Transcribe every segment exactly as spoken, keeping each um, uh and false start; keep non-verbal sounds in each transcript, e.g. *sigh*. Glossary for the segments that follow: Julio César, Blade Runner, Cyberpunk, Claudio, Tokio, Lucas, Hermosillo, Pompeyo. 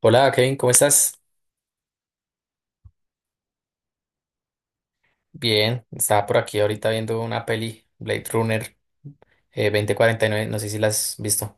Hola Kevin, ¿cómo estás? Bien, estaba por aquí ahorita viendo una peli, Blade Runner eh, dos mil cuarenta y nueve, no sé si la has visto.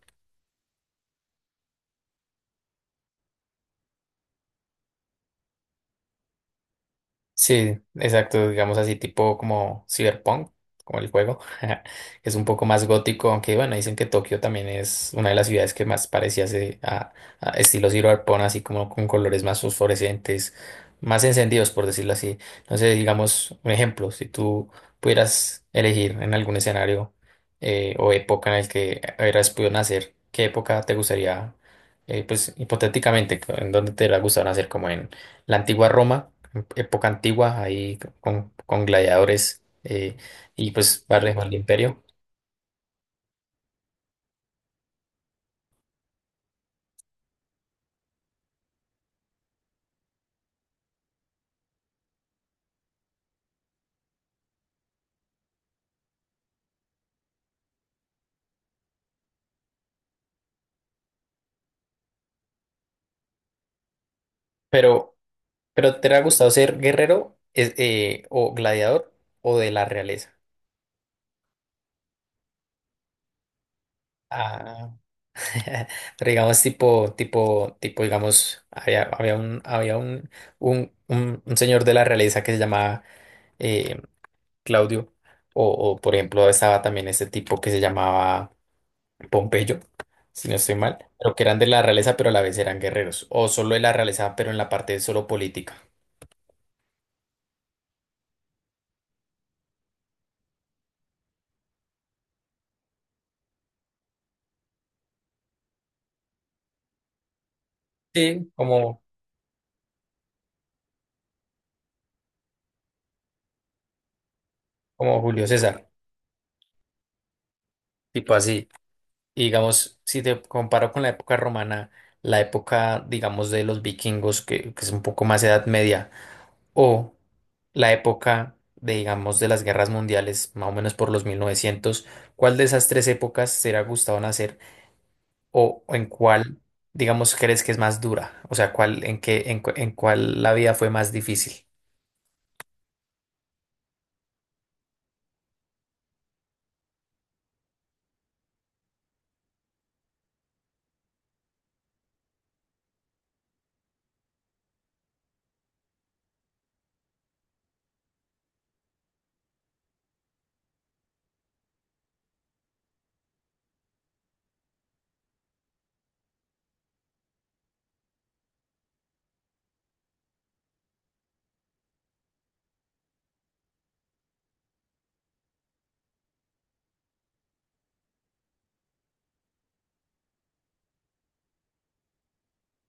Sí, exacto, digamos así, tipo como Cyberpunk, como el juego. *laughs* Es un poco más gótico, aunque bueno, dicen que Tokio también es una de las ciudades que más parecía se- a, a estilo Cyberpunk, así como con colores más fosforescentes, más encendidos, por decirlo así. Entonces, digamos, un ejemplo, si tú pudieras elegir en algún escenario eh, o época en el que hubieras podido nacer, ¿qué época te gustaría, eh, pues hipotéticamente, en dónde te hubiera gustado nacer, como en la antigua Roma? Época antigua, ahí con, con gladiadores eh, y pues va a reinar el imperio. Pero, pero ¿te ha gustado ser guerrero es- eh, o gladiador o de la realeza? Ah, *laughs* pero digamos tipo, tipo, tipo, digamos, había, había un, había un, un, un, un señor de la realeza que se llamaba eh, Claudio, o, o, por ejemplo estaba también este tipo que se llamaba Pompeyo, si no estoy mal, pero que eran de la realeza, pero a la vez eran guerreros, o solo de la realeza, pero en la parte solo política. Sí, como, como Julio César, tipo así. Y digamos, si te comparo con la época romana, la época, digamos, de los vikingos, que, que es un poco más Edad Media, o la época de, digamos, de las guerras mundiales, más o menos por los mil novecientos. ¿Cuál de esas tres épocas será gustado nacer o o en cuál, digamos, crees que es más dura? O sea, cuál, en qué, en, cu- en cuál la vida fue más difícil.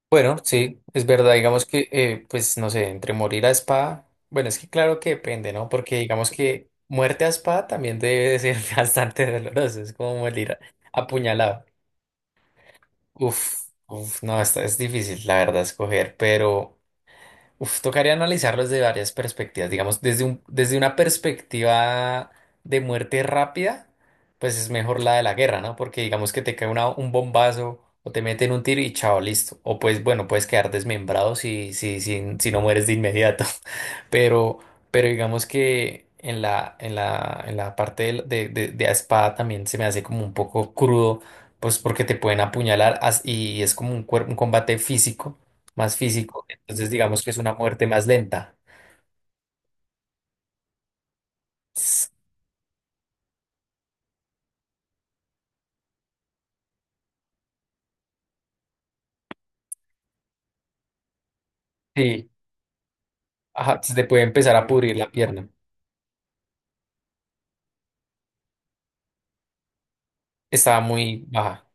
Bueno, sí, es verdad, digamos que, eh, pues no sé, entre morir a espada, bueno, es que claro que depende, ¿no? Porque digamos que muerte a espada también debe de ser *laughs* bastante doloroso, es como morir a apuñalado. Uf, uf, no, esta es difícil, la verdad, escoger, pero... Uf, tocaría analizarlo desde varias perspectivas. Digamos, desde un, desde una perspectiva de muerte rápida, pues es mejor la de la guerra, ¿no? Porque digamos que te cae una- un bombazo o te meten un tiro y chao, listo. O pues, bueno, puedes quedar desmembrado si, si, si, si no mueres de inmediato. *laughs* Pero, pero digamos que en la, en la, en la parte del- de, de, de a espada también se me hace como un poco crudo, pues porque te pueden apuñalar as- y es como un, cuer- un combate físico, más físico. Entonces digamos que es una muerte más lenta. S- Sí, ajá, se te puede empezar a pudrir la pierna. Estaba muy baja.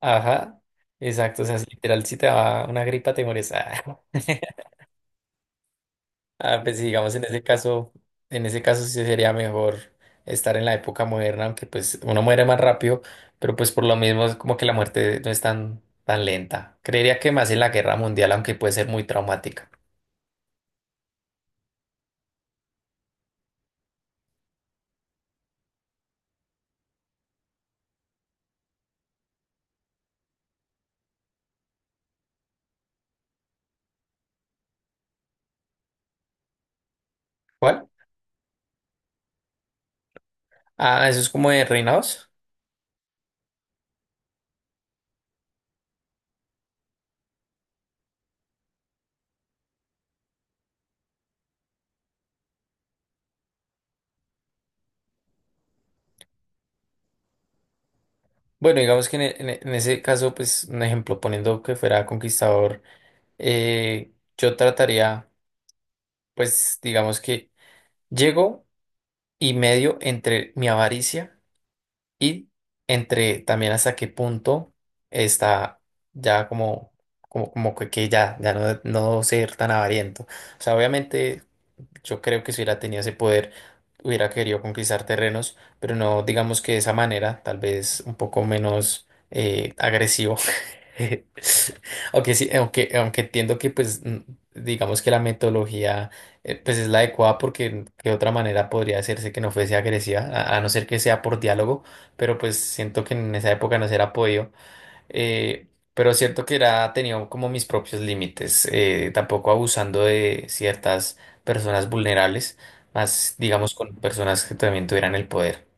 Ajá, exacto. O sea, si literal, si te daba una gripa, te mueres. Ah, *laughs* Ah, pues sí, digamos, en ese caso, en ese caso sí sería mejor estar en la época moderna, aunque pues uno muere más rápido, pero pues por lo mismo es como que la muerte no es tan, tan lenta. Creería que más en la guerra mundial, aunque puede ser muy traumática. ¿Cuál? Ah, eso es como de reinados. Bueno, digamos que en, e- en e- en ese caso, pues un ejemplo, poniendo que fuera conquistador, eh, yo trataría, pues digamos que llego y medio entre mi avaricia y entre también hasta qué punto está ya como, como, como que, que ya, ya no, no ser tan avariento. O sea, obviamente yo creo que si hubiera tenido ese poder, hubiera querido conquistar terrenos, pero no digamos que de esa manera, tal vez un poco menos eh, agresivo. *laughs* Aunque sí, aunque, aunque entiendo que pues mm, digamos que la metodología eh, pues es la adecuada porque de otra manera podría hacerse que no fuese agresiva, a, a no ser que sea por diálogo, pero pues siento que en esa época no se era podido eh, pero es cierto que era, tenía como mis propios límites, eh, tampoco abusando de ciertas personas vulnerables, más digamos con personas que también tuvieran el poder.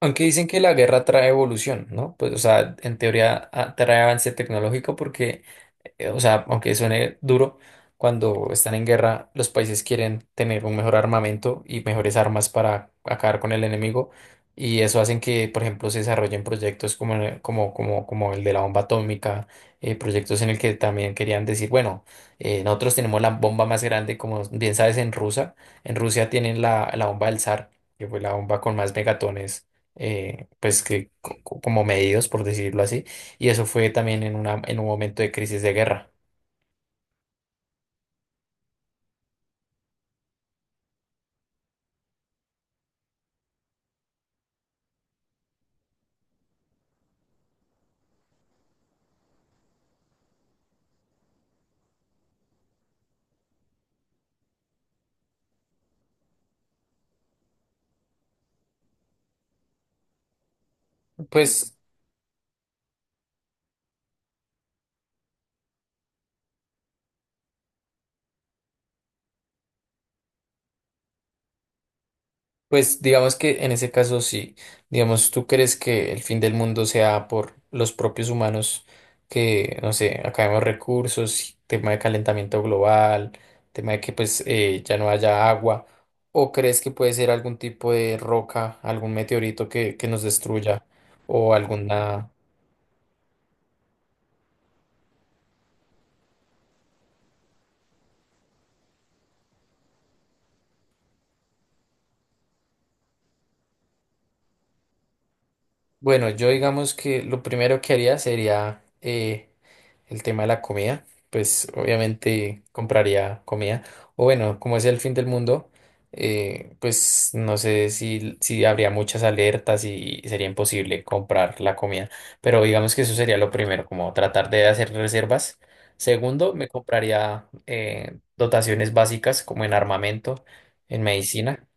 Aunque dicen que la guerra trae evolución, ¿no? Pues, o sea, en teoría ah, trae avance tecnológico porque eh, o sea, aunque suene duro, cuando están en guerra, los países quieren tener un mejor armamento y mejores armas para acabar con el enemigo. Y eso hacen que, por ejemplo, se desarrollen proyectos como, el- como, como, como el de la bomba atómica, eh, proyectos en el que también querían decir, bueno, eh, nosotros tenemos la bomba más grande, como bien sabes, en Rusia. En Rusia tienen la, la bomba del zar, que fue la bomba con más megatones, eh, pues que co- co- como medidos, por decirlo así. Y eso fue también en una, en un momento de crisis de guerra. Pues, pues digamos que en ese caso sí, digamos, ¿tú crees que el fin del mundo sea por los propios humanos que, no sé, acabemos recursos, tema de calentamiento global, tema de que pues eh, ya no haya agua? ¿O crees que puede ser algún tipo de roca, algún meteorito que, que nos destruya o alguna... Bueno, yo digamos que lo primero que haría sería eh, el tema de la comida. Pues obviamente compraría comida. O bueno, como es el fin del mundo, eh, pues no sé si, si habría muchas alertas y sería imposible comprar la comida. Pero digamos que eso sería lo primero, como tratar de hacer reservas. Segundo, me compraría eh, dotaciones básicas como en armamento, en medicina.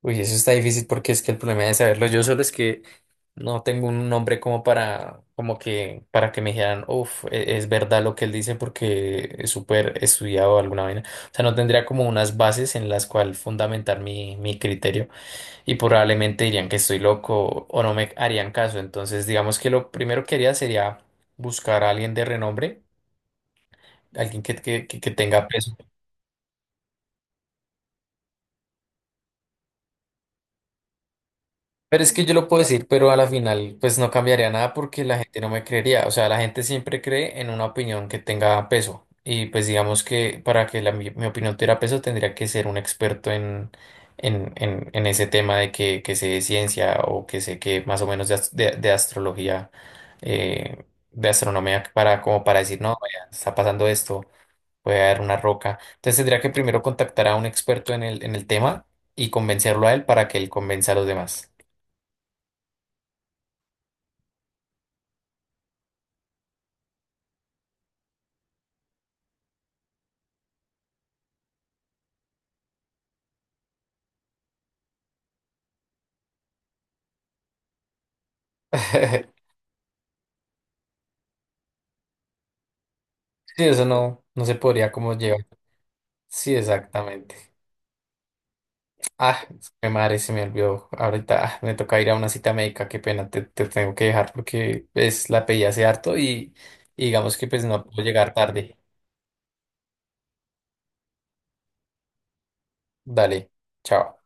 Uy, eso está difícil porque es que el problema de saberlo yo solo es que no tengo un nombre como para, como que, para que me dijeran, uff, es verdad lo que él dice porque es súper estudiado o alguna vaina. O sea, no tendría como unas bases en las cuales fundamentar mi, mi criterio y probablemente dirían que estoy loco o no me harían caso. Entonces, digamos que lo primero que haría sería buscar a alguien de renombre, alguien que, que, que que tenga peso. Pero es que yo lo puedo decir, pero a la final pues no cambiaría nada porque la gente no me creería. O sea, la gente siempre cree en una opinión que tenga peso. Y pues digamos que para que la, mi, mi opinión tuviera peso tendría que ser un experto en, en, en, en ese tema de que, que sé de ciencia o que sé que más o menos de, as- de- de astrología, eh, de astronomía, para, como para decir, no, vaya, está pasando esto, puede haber una roca. Entonces tendría que primero contactar a un experto en el, en el tema y convencerlo a él para que él convenza a los demás. *laughs* Sí, eso no, no se podría como llevar. Sí, exactamente. Ah, mi madre se me olvidó. Ahorita ah, me toca ir a una cita médica. Qué pena, te, te tengo que dejar porque pues, la pedí hace harto y, y digamos que pues no puedo llegar tarde. Dale, chao.